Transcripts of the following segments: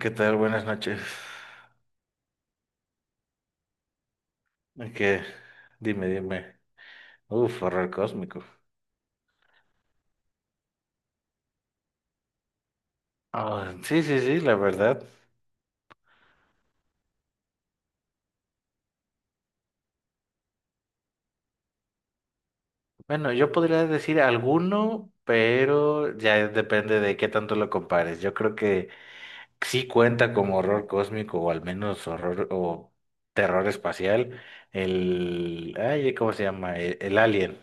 ¿Qué tal? Buenas noches. ¿Qué? Dime, dime. Uf, horror cósmico. Ah, sí, sí, sí, la verdad. Bueno, yo podría decir alguno, pero ya depende de qué tanto lo compares. Yo creo que sí cuenta como horror cósmico o al menos horror o terror espacial. El... Ay, ¿cómo se llama? El Alien.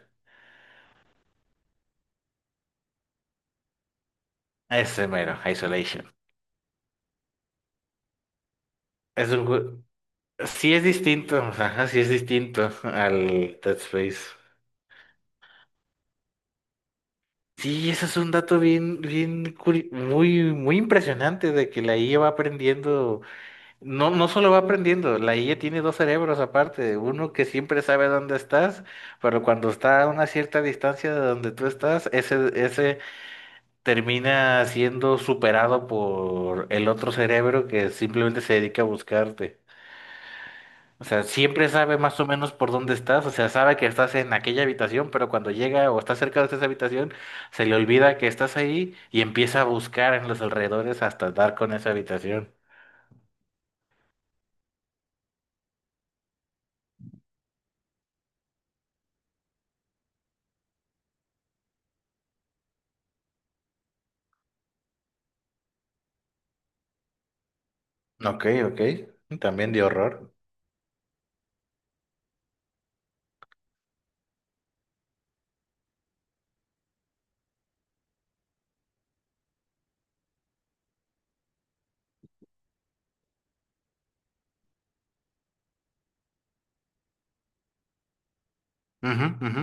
Ese mero, Isolation. Es un... ju- Sí es distinto, ajá, sí es distinto al Dead Space. Sí, eso es un dato bien, muy, muy impresionante de que la IA va aprendiendo, no, no solo va aprendiendo, la IA tiene dos cerebros aparte, uno que siempre sabe dónde estás, pero cuando está a una cierta distancia de donde tú estás, ese termina siendo superado por el otro cerebro que simplemente se dedica a buscarte. O sea, siempre sabe más o menos por dónde estás, o sea, sabe que estás en aquella habitación, pero cuando llega o está cerca de esa habitación, se le olvida que estás ahí y empieza a buscar en los alrededores hasta dar con esa habitación. Ok, ok. También de horror. Ujú, ujú.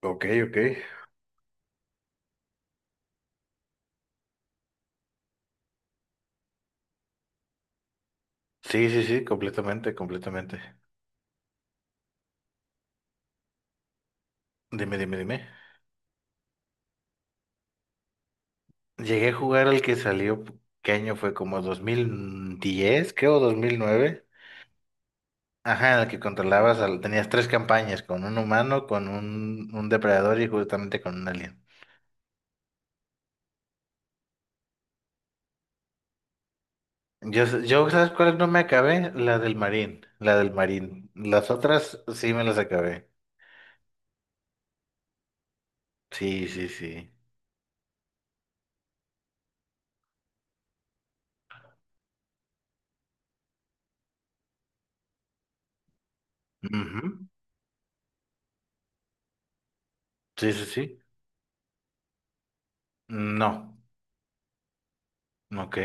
Ok, ok. Sí, sí, sí, completamente, completamente. Dime, dime, dime. Llegué a jugar al que salió, ¿qué año fue? Como 2010, creo, ¿2009? Ajá, en el que controlabas, tenías tres campañas, con un humano, con un depredador y justamente con un alien. Yo, ¿sabes cuál no me acabé? La del marín, la del marín. Las otras sí me las acabé. Sí, sí, sí. Ujú. Sí, sí, sí. No, ok.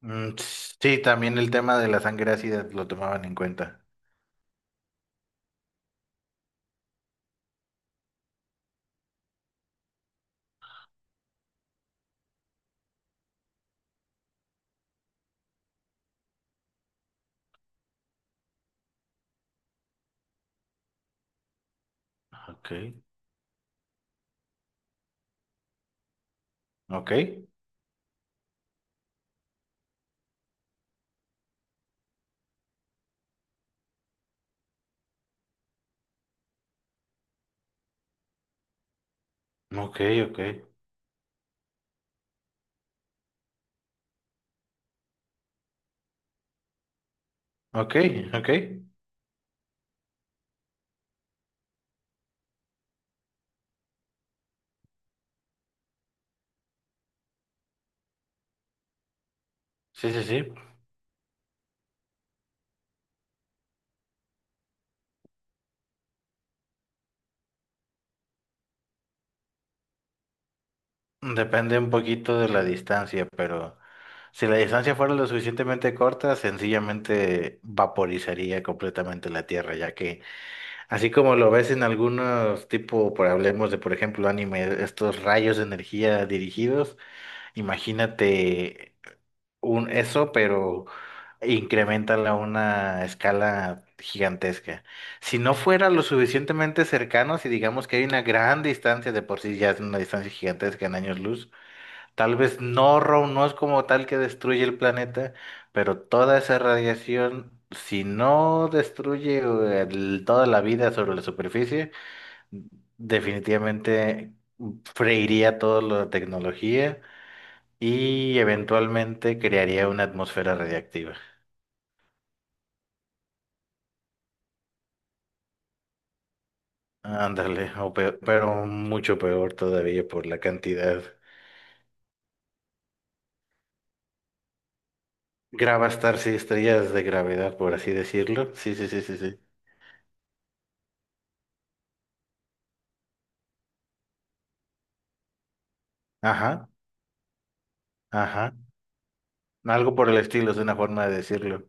Mm, sí, también el tema de la sangre ácida lo tomaban en cuenta. Ok, ok, ok, ok, ok, ok. Sí, sí, sí. Depende un poquito de la distancia, pero si la distancia fuera lo suficientemente corta, sencillamente vaporizaría completamente la Tierra, ya que así como lo ves en algunos tipo, por hablemos de por ejemplo anime, estos rayos de energía dirigidos, imagínate un eso, pero incrementala a una escala gigantesca. Si no fuera lo suficientemente cercano, si digamos que hay una gran distancia de por sí ya es una distancia gigantesca en años luz, tal vez no, Ro, no es como tal que destruye el planeta, pero toda esa radiación, si no destruye toda la vida sobre la superficie, definitivamente freiría toda la tecnología y eventualmente crearía una atmósfera radiactiva. Ándale, pero mucho peor todavía por la cantidad. Gravastars sí, estrellas de gravedad, por así decirlo. Sí, sí, sí, sí, sí. Ajá, ajá. Algo por el estilo es una forma de decirlo.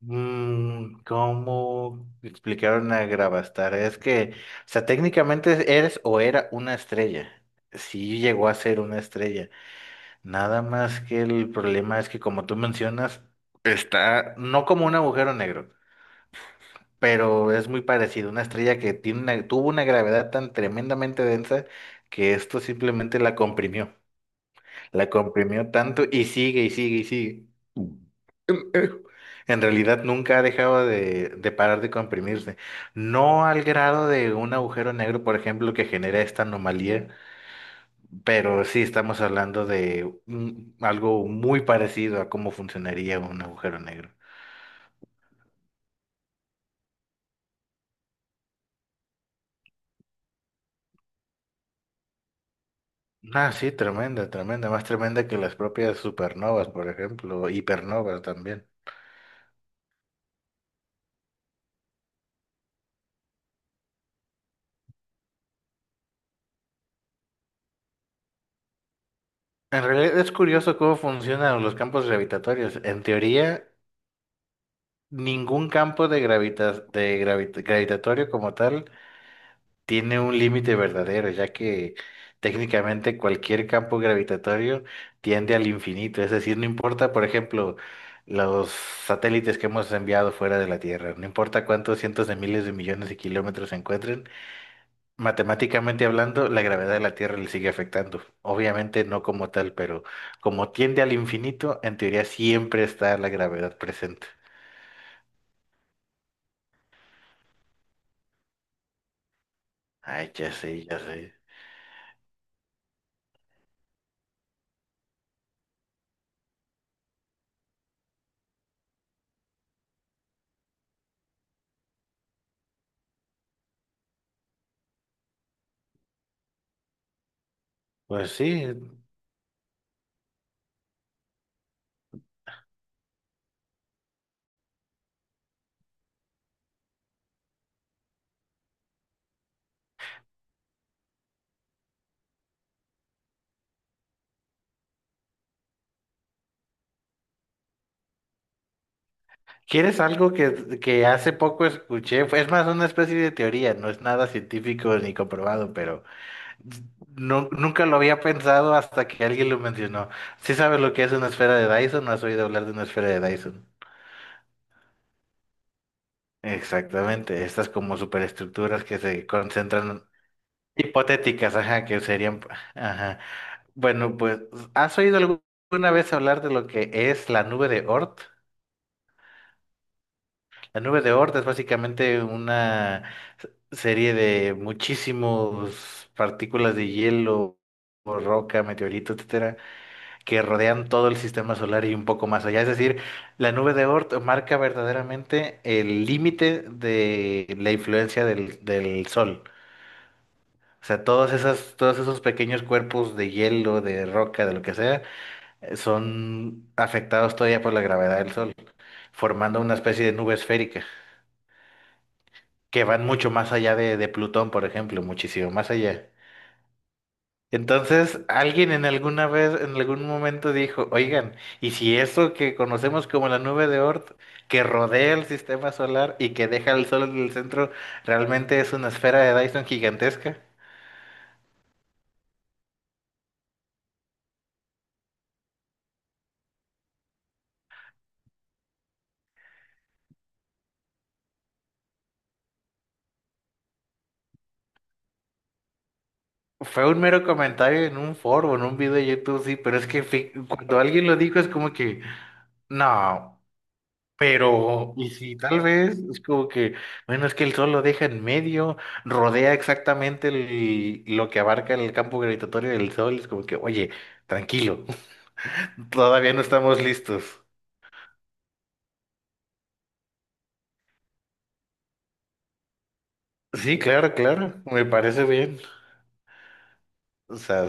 Mm, ¿cómo explicaron a Gravastar? Es que, o sea, técnicamente eres o era una estrella. Sí llegó a ser una estrella. Nada más que el problema es que, como tú mencionas, está no como un agujero negro, pero es muy parecido. Una estrella que tiene tuvo una gravedad tan tremendamente densa que esto simplemente la comprimió. La comprimió tanto y sigue y sigue y sigue. En realidad nunca ha dejado de parar de comprimirse. No al grado de un agujero negro, por ejemplo, que genera esta anomalía, pero sí estamos hablando de algo muy parecido a cómo funcionaría un agujero negro. Ah, sí, tremenda, tremenda, más tremenda que las propias supernovas, por ejemplo, hipernovas también. En realidad es curioso cómo funcionan los campos gravitatorios. En teoría, ningún campo gravitatorio como tal tiene un límite verdadero, ya que técnicamente cualquier campo gravitatorio tiende al infinito. Es decir, no importa, por ejemplo, los satélites que hemos enviado fuera de la Tierra, no importa cuántos cientos de miles de millones de kilómetros se encuentren, matemáticamente hablando, la gravedad de la Tierra le sigue afectando. Obviamente no como tal, pero como tiende al infinito, en teoría siempre está la gravedad presente. Ay, ya sé, ya sé. Pues sí. ¿Quieres algo que hace poco escuché? Es más una especie de teoría, no es nada científico ni comprobado, pero nunca lo había pensado hasta que alguien lo mencionó. ¿Sí sabes lo que es una esfera de Dyson? ¿No has oído hablar de una esfera de Dyson? Exactamente, estas como superestructuras que se concentran hipotéticas, ajá, que serían, ajá. Bueno, pues, ¿has oído alguna vez hablar de lo que es la nube de Oort? La Nube de Oort es básicamente una serie de muchísimos partículas de hielo, o roca, meteorito, etcétera, que rodean todo el sistema solar y un poco más allá. Es decir, la Nube de Oort marca verdaderamente el límite de la influencia del Sol. O sea, todas esas, todos esos pequeños cuerpos de hielo, de roca, de lo que sea, son afectados todavía por la gravedad del Sol, formando una especie de nube esférica, que van mucho más allá de Plutón, por ejemplo, muchísimo más allá. Entonces, alguien en alguna vez, en algún momento dijo, oigan, ¿y si eso que conocemos como la nube de Oort, que rodea el sistema solar y que deja el sol en el centro, realmente es una esfera de Dyson gigantesca? Fue un mero comentario en un foro, en un video de YouTube, sí, pero es que fi- cuando alguien lo dijo es como que, no. Pero, y si tal vez es como que, bueno, es que el sol lo deja en medio, rodea exactamente lo que abarca el campo gravitatorio del sol, es como que, oye, tranquilo, todavía no estamos listos. Sí, claro, claro, me parece bien. O sea,